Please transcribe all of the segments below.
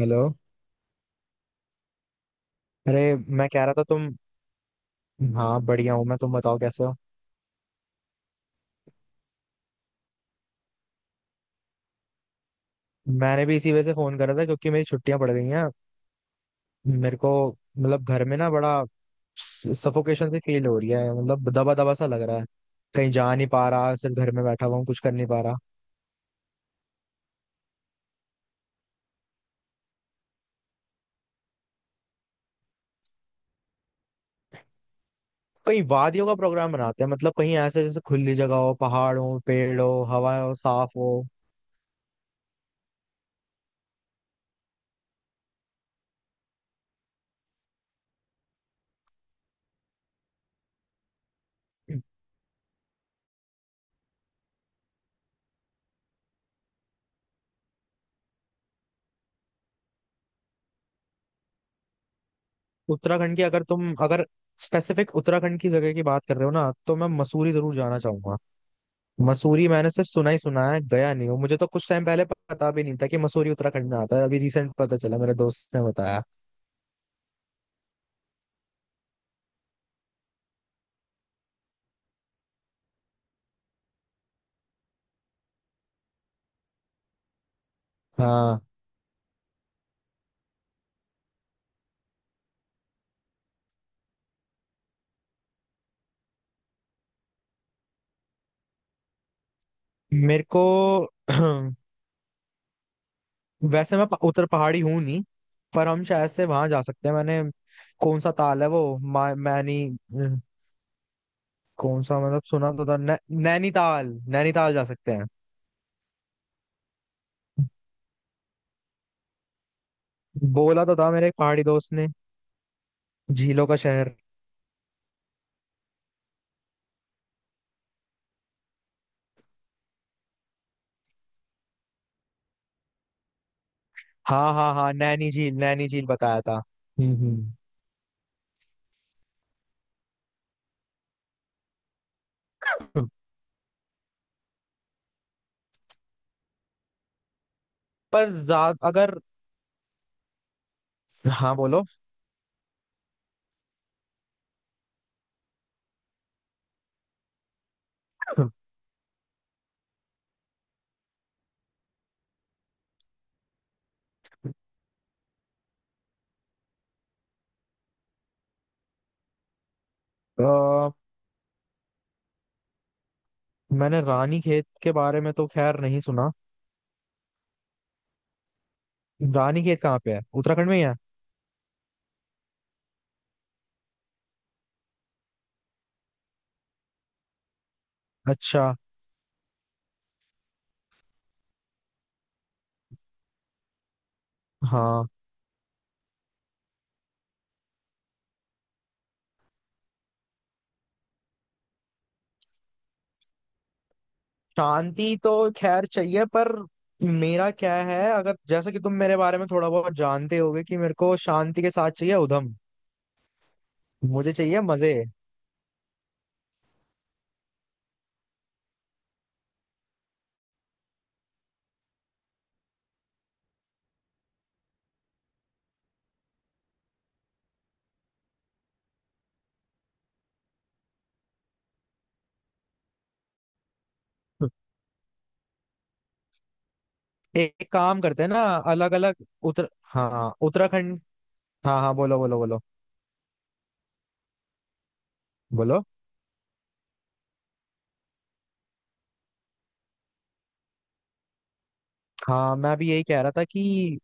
Hello. अरे मैं कह रहा था तुम। हाँ बढ़िया हूँ मैं, तुम बताओ कैसे हो। मैंने भी इसी वजह से फोन करा था क्योंकि मेरी छुट्टियां पड़ गई हैं मेरे को। मतलब घर में ना बड़ा सफोकेशन सी फील हो रही है, मतलब दबा दबा सा लग रहा है। कहीं जा नहीं पा रहा, सिर्फ घर में बैठा हुआ हूँ, कुछ कर नहीं पा रहा। कहीं वादियों का प्रोग्राम बनाते हैं, मतलब कहीं ऐसे जैसे खुली जगह हो, पहाड़ हो, पेड़ हो, हवा हो, साफ हो। उत्तराखंड की अगर स्पेसिफिक उत्तराखंड की जगह की बात कर रहे हो ना, तो मैं मसूरी जरूर जाना चाहूंगा। मसूरी मैंने सिर्फ सुना ही सुना है, गया नहीं हूँ। मुझे तो कुछ टाइम पहले पता भी नहीं था कि मसूरी उत्तराखंड में आता है, अभी रिसेंट पता चला, मेरे दोस्त ने बताया। हाँ, मेरे को वैसे मैं उत्तर पहाड़ी हूँ नहीं, पर हम शायद से वहां जा सकते हैं। मैंने कौन सा ताल है वो, मैनी कौन सा, मतलब सुना तो था, नैनीताल। नैनीताल जा सकते हैं। बोला तो था मेरे एक पहाड़ी दोस्त ने, झीलों का शहर। हाँ हाँ हाँ, नैनी झील, नैनी झील बताया था। हम्म हम्म। पर ज्यादा अगर। हाँ बोलो। अ, मैंने रानी खेत के बारे में तो खैर नहीं सुना। रानी खेत कहाँ पे है, उत्तराखंड में ही है? अच्छा। हाँ, शांति तो खैर चाहिए, पर मेरा क्या है, अगर जैसा कि तुम मेरे बारे में थोड़ा बहुत जानते होगे, कि मेरे को शांति के साथ चाहिए उधम, मुझे चाहिए मजे। एक काम करते हैं ना, अलग अलग उत्तर, हाँ उत्तराखंड। हाँ हाँ बोलो बोलो बोलो। बोलो। हाँ, मैं भी यही कह रहा था कि,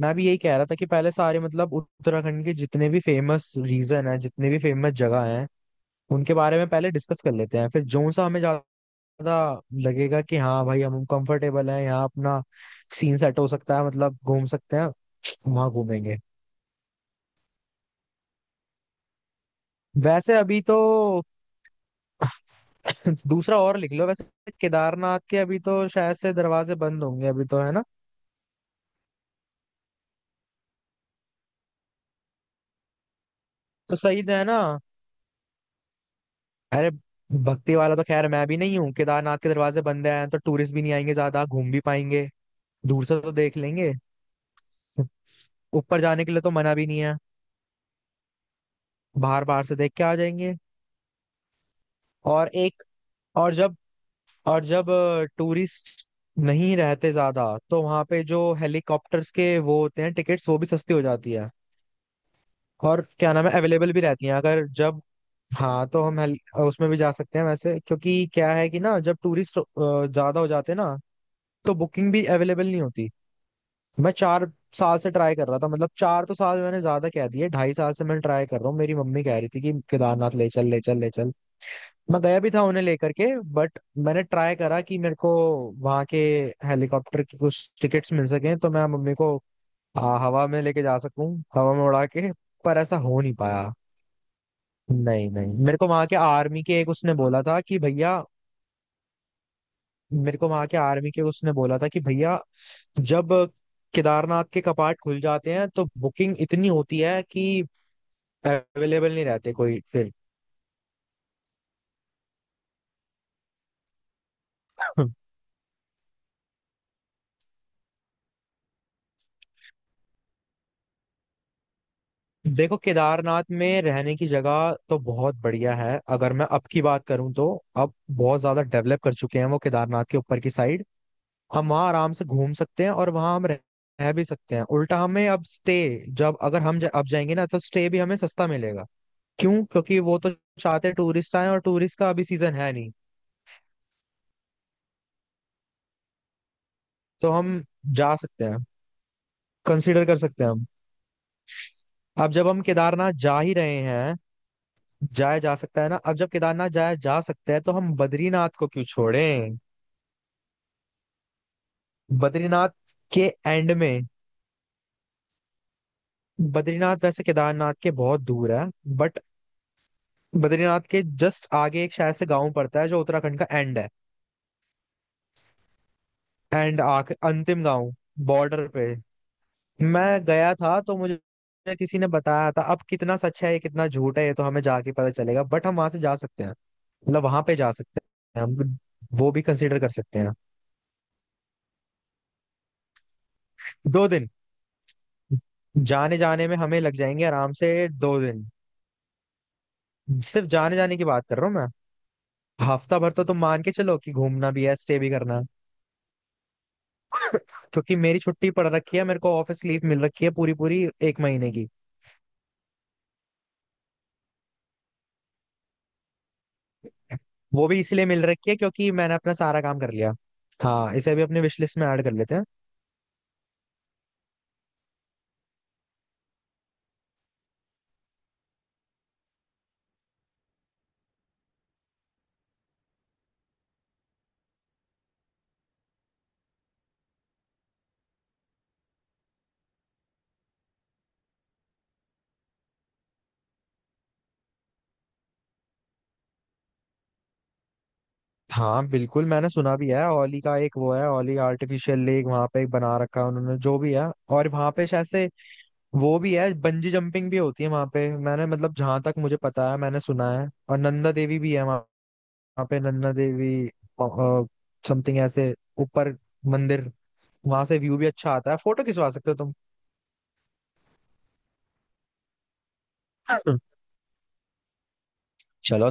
मैं भी यही कह रहा था कि पहले सारे, मतलब उत्तराखंड के जितने भी फेमस रीजन है, जितने भी फेमस जगह हैं, उनके बारे में पहले डिस्कस कर लेते हैं, फिर जो सा हमें ज्यादा लगेगा कि हाँ भाई हम कंफर्टेबल हैं यहाँ, अपना सीन सेट हो सकता है, मतलब घूम सकते हैं, वहां घूमेंगे। वैसे अभी तो दूसरा और लिख लो वैसे। केदारनाथ के अभी तो शायद से दरवाजे बंद होंगे अभी, तो है ना, तो सही तो है ना। अरे भक्ति वाला तो खैर मैं भी नहीं हूँ, केदारनाथ के दरवाजे बंद हैं तो टूरिस्ट भी नहीं आएंगे, ज्यादा घूम भी पाएंगे। दूर से तो देख लेंगे, ऊपर जाने के लिए तो मना भी नहीं है। बाहर बाहर से देख के आ जाएंगे। और एक, और जब और जब टूरिस्ट नहीं रहते ज्यादा, तो वहां पे जो हेलीकॉप्टर्स के वो होते हैं टिकट्स, वो भी सस्ती हो जाती है। और क्या नाम है, अवेलेबल भी रहती हैं अगर जब। हाँ, तो हम उसमें भी जा सकते हैं वैसे, क्योंकि क्या है कि ना जब टूरिस्ट ज्यादा हो जाते हैं ना, तो बुकिंग भी अवेलेबल नहीं होती। मैं चार साल से ट्राई कर रहा था, मतलब चार तो साल मैंने ज्यादा कह दिए, ढाई साल से मैं ट्राई कर रहा हूँ, मेरी मम्मी कह रही थी कि केदारनाथ ले चल, ले चल, ले चल। मैं गया भी था उन्हें लेकर के, बट मैंने ट्राई करा कि मेरे को वहां के हेलीकॉप्टर की कुछ टिकट्स मिल सके, तो मैं मम्मी को हवा में लेके जा सकूं, हवा में उड़ा के। पर ऐसा हो नहीं पाया। नहीं नहीं, मेरे को वहां के आर्मी के एक उसने बोला था कि भैया मेरे को वहां के आर्मी के उसने बोला था कि भैया, जब केदारनाथ के कपाट खुल जाते हैं तो बुकिंग इतनी होती है कि अवेलेबल नहीं रहते कोई फिर। देखो, केदारनाथ में रहने की जगह तो बहुत बढ़िया है, अगर मैं अब की बात करूं तो अब बहुत ज्यादा डेवलप कर चुके हैं वो, केदारनाथ के ऊपर की साइड। हम वहाँ आराम से घूम सकते हैं और वहाँ हम रह रह भी सकते हैं, उल्टा हमें अब स्टे, जब अगर हम अब जाएंगे ना, तो स्टे भी हमें सस्ता मिलेगा। क्यों? क्योंकि वो तो चाहते टूरिस्ट आए, और टूरिस्ट का अभी सीजन है नहीं। तो हम जा सकते हैं, कंसीडर कर सकते हैं हम। अब जब हम केदारनाथ जा ही रहे हैं, जाया जा सकता है ना, अब जब केदारनाथ जाया जा सकता है तो हम बद्रीनाथ को क्यों छोड़ें। बद्रीनाथ के एंड में, बद्रीनाथ वैसे केदारनाथ के बहुत दूर है, बट बद्रीनाथ के जस्ट आगे एक शायद से गांव पड़ता है, जो उत्तराखंड का एंड है। एंड, आख अंतिम गांव, बॉर्डर पे। मैं गया था तो मुझे किसी ने बताया था, अब कितना सच है ये कितना झूठ है ये तो हमें जाके पता चलेगा, बट हम वहां से जा सकते हैं, मतलब वहां पे जा सकते हैं हम। वो भी कंसीडर कर सकते हैं। दो दिन जाने जाने में हमें लग जाएंगे आराम से, दो दिन। सिर्फ जाने जाने की बात कर रहा हूँ मैं। हफ्ता भर तो तुम मान के चलो कि घूमना भी है, स्टे भी करना है। क्योंकि मेरी छुट्टी पड़ रखी है, मेरे को ऑफिस लीव मिल रखी है, पूरी पूरी एक महीने की। वो भी इसलिए मिल रखी है क्योंकि मैंने अपना सारा काम कर लिया। हाँ, इसे भी अपने विश लिस्ट में ऐड कर लेते हैं। हाँ बिल्कुल, मैंने सुना भी है ओली का। एक वो है ओली आर्टिफिशियल लेक, वहां पे एक बना रखा है उन्होंने, जो भी है। और वहां पे शायद से वो भी है, बंजी जंपिंग भी होती है वहां पे, मैंने, मतलब जहां तक मुझे पता है, मैंने सुना है। और नंदा देवी भी है वहां पे, नंदा देवी समथिंग ऐसे, ऊपर मंदिर। वहां से व्यू भी अच्छा आता है, फोटो खिंचवा सकते हो तुम। चलो,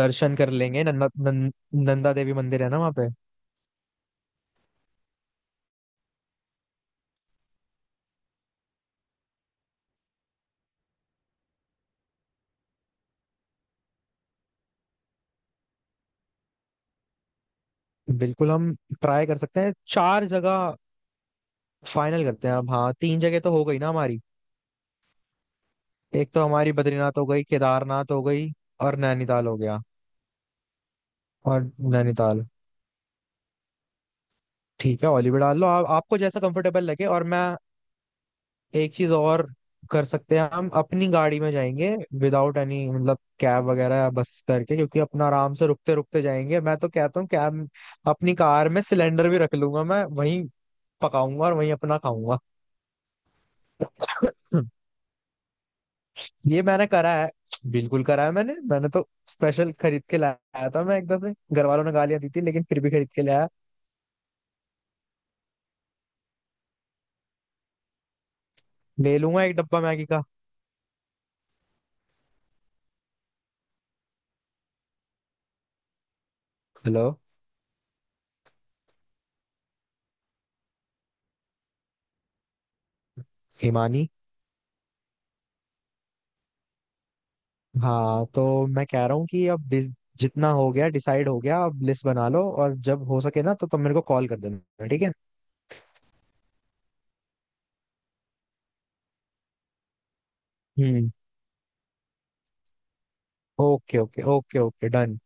दर्शन कर लेंगे। नंदा देवी मंदिर है ना वहां पे। बिल्कुल, हम ट्राई कर सकते हैं। चार जगह फाइनल करते हैं अब, हाँ तीन जगह तो हो गई ना हमारी। एक तो हमारी बद्रीनाथ हो गई, केदारनाथ हो गई, और नैनीताल हो गया। और नैनीताल, ठीक है, ऑलिव डाल लो, आप आपको जैसा कंफर्टेबल लगे। और मैं एक चीज और कर सकते हैं हम, अपनी गाड़ी में जाएंगे, विदाउट एनी मतलब कैब वगैरह या बस करके, क्योंकि अपना आराम से रुकते रुकते जाएंगे, मैं तो कहता हूँ कैब। अपनी कार में सिलेंडर भी रख लूंगा मैं, वहीं पकाऊंगा और वहीं अपना खाऊंगा। ये मैंने करा है, बिल्कुल करा है मैंने। मैंने तो स्पेशल खरीद के लाया था मैं, एक दफे घर वालों ने गालियां दी थी, लेकिन फिर भी खरीद के लाया। ले लूंगा एक डब्बा मैगी का। हेलो। हिमानी। हाँ तो मैं कह रहा हूँ कि अब जितना हो गया डिसाइड हो गया, अब लिस्ट बना लो और जब हो सके ना तो तुम मेरे को कॉल कर देना, ठीक है। Hmm. Okay okay okay okay done.